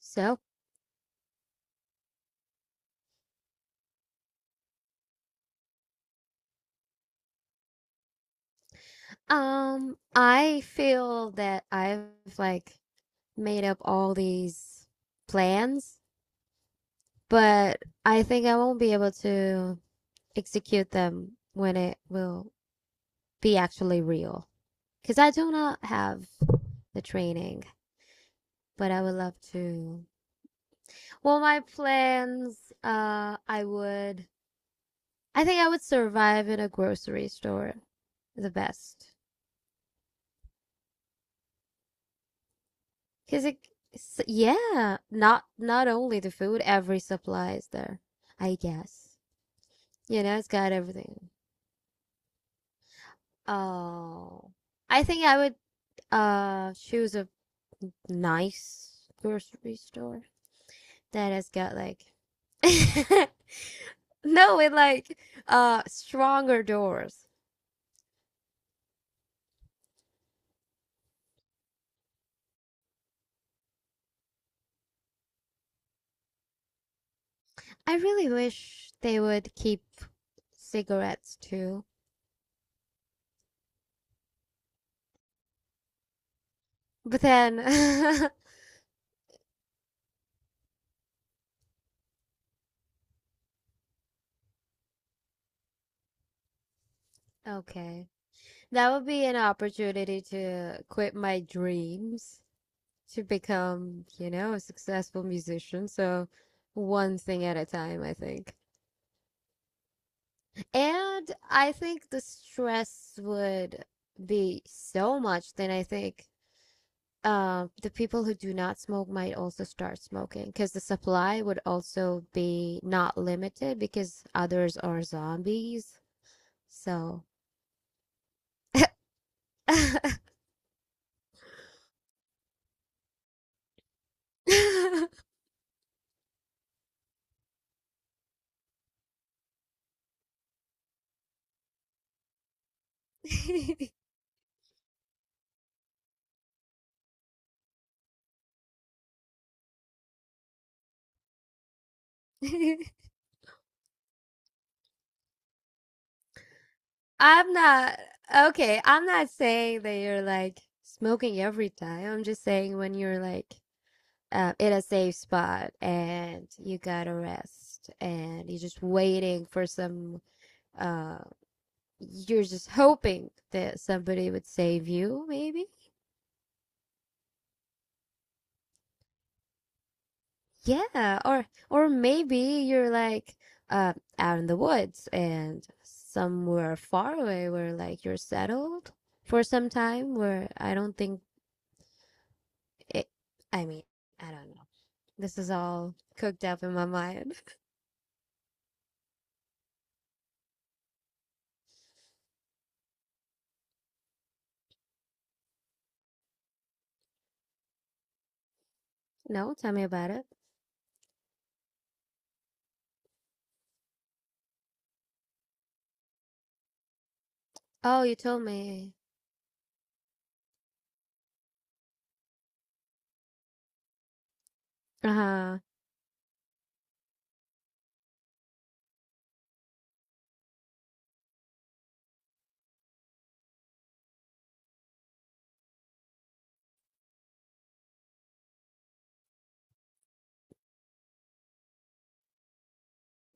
So I feel that I've like made up all these plans, but I think I won't be able to execute them when it will be actually real. Because I do not have the training, but I would love to. Well, my plans, uh, I would, I think I would survive in a grocery store the best. Cause it, yeah, not only the food, every supply is there. I guess. You know, it's got everything. Oh, I think I would choose a nice grocery store that has got no, with like stronger doors. I really wish they would keep cigarettes too, but then okay. That would be an opportunity to quit my dreams to become, you know, a successful musician. So, one thing at a time, I think. And I think the stress would be so much, then I think the people who do not smoke might also start smoking because the supply would also be not limited because others are zombies. So. I'm not. Okay. I'm not saying that you're smoking every time. I'm just saying when you're like in a safe spot and you gotta rest and you're just waiting for some. Uh, you're just hoping that somebody would save you, maybe. Yeah, or maybe you're like uh, out in the woods and somewhere far away where like you're settled for some time where I don't think It, I mean, I don't know. This is all cooked up in my mind. No, tell me about it. Oh, you told me. Uh-huh.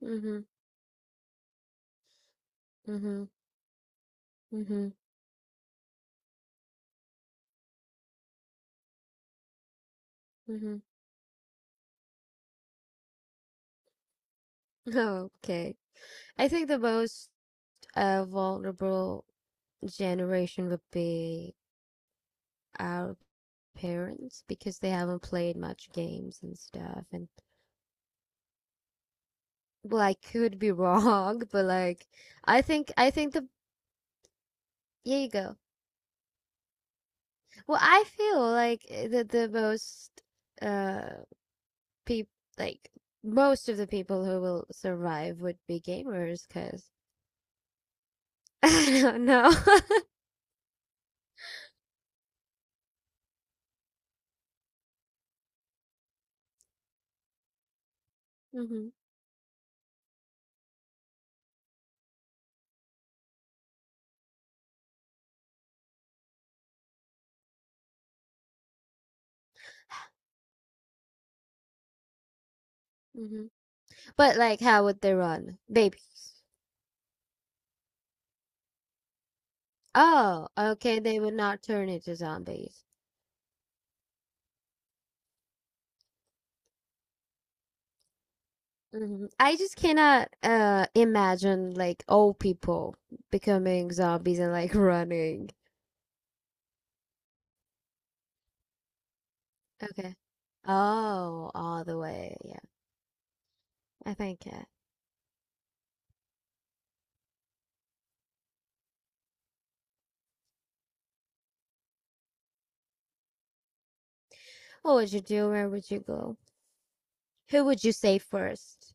Mm-hmm. Mm-hmm. Mm-hmm. Mm-hmm. Okay. I think the most vulnerable generation would be our parents because they haven't played much games and stuff and well, I could be wrong but like I think the here you go well, I feel like the most uh people like most of the people who will survive would be gamers because I don't know. Hmm. Hmm. But like, how would they run? Babies. Oh, okay. They would not turn into zombies. Hmm. I just cannot imagine like old people becoming zombies and like running. Okay. Oh, all the way. Yeah, I think. What would you do? Where would you go? Who would you save 1st?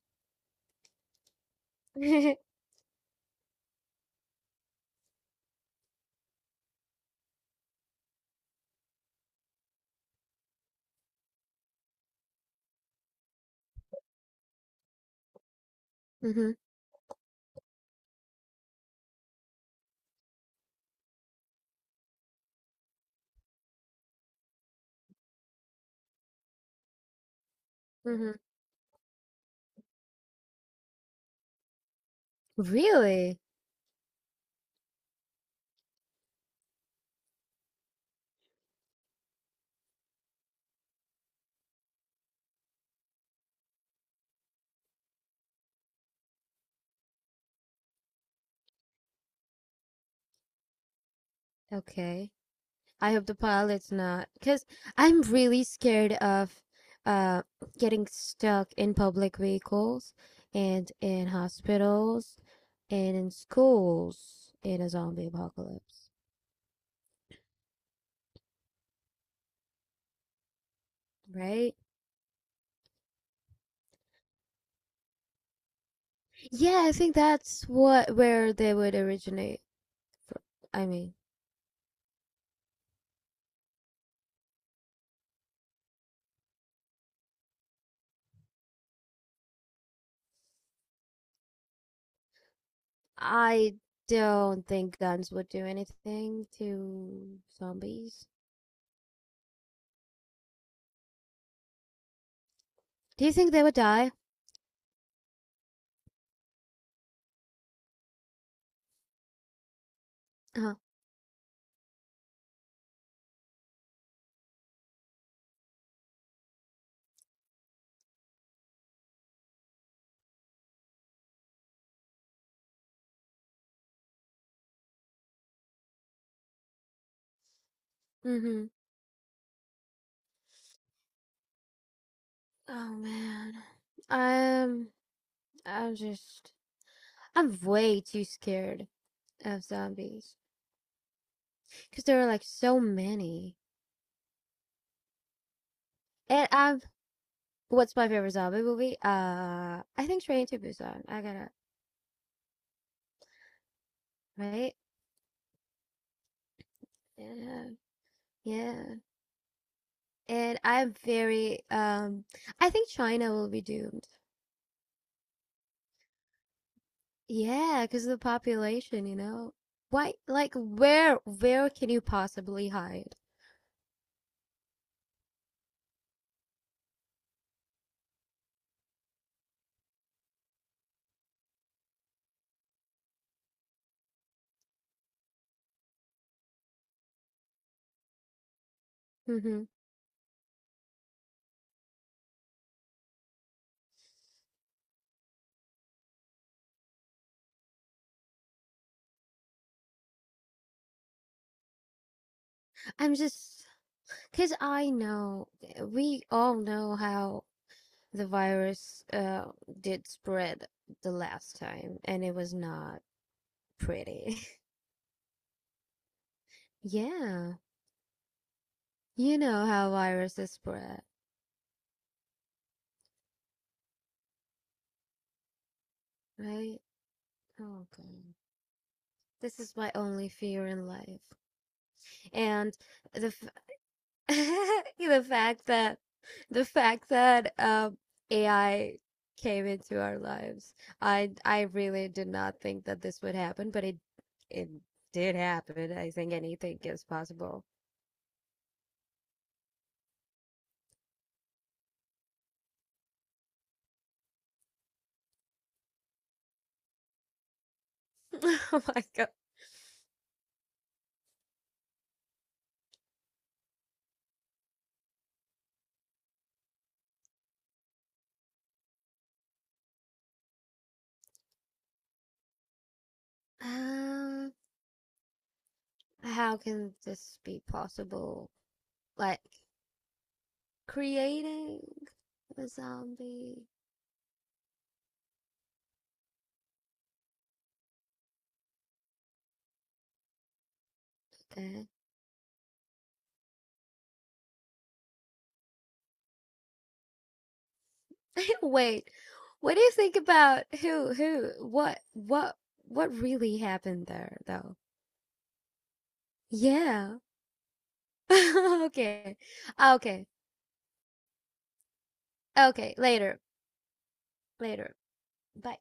Hmm. Hmm. Really? Okay. I hope the pilot's not, because I'm really scared of uh getting stuck in public vehicles and in hospitals and in schools in a zombie apocalypse, right? Yeah, I think that's what where they would originate from. I mean, I don't think guns would do anything to zombies. Do you think they would die? Uh-huh. Mm-hmm. Oh man. I'm I'm just I'm way too scared of zombies because there are like so many. And I'm what's my favorite zombie movie? I think Train to Busan. I gotta right? Yeah, yeah. And I'm very. I think China will be doomed. Yeah, because of the population, you know. Why? Like, where? Where can you possibly hide? Hmm. I'm just because I know, we all know how the virus did spread the last time, and it was not pretty. Yeah, you know how viruses spread, right? Oh, God. This is my only fear in life. And the the fact that the fact that um AI came into our lives. I really did not think that this would happen, but it did happen. I think anything is possible. Oh my God. Um, how can this be possible? Like creating a zombie? Okay. Wait. What do you think about who what what really happened there though? Yeah. Okay. Ah, okay. Okay. Later. Later. Bye.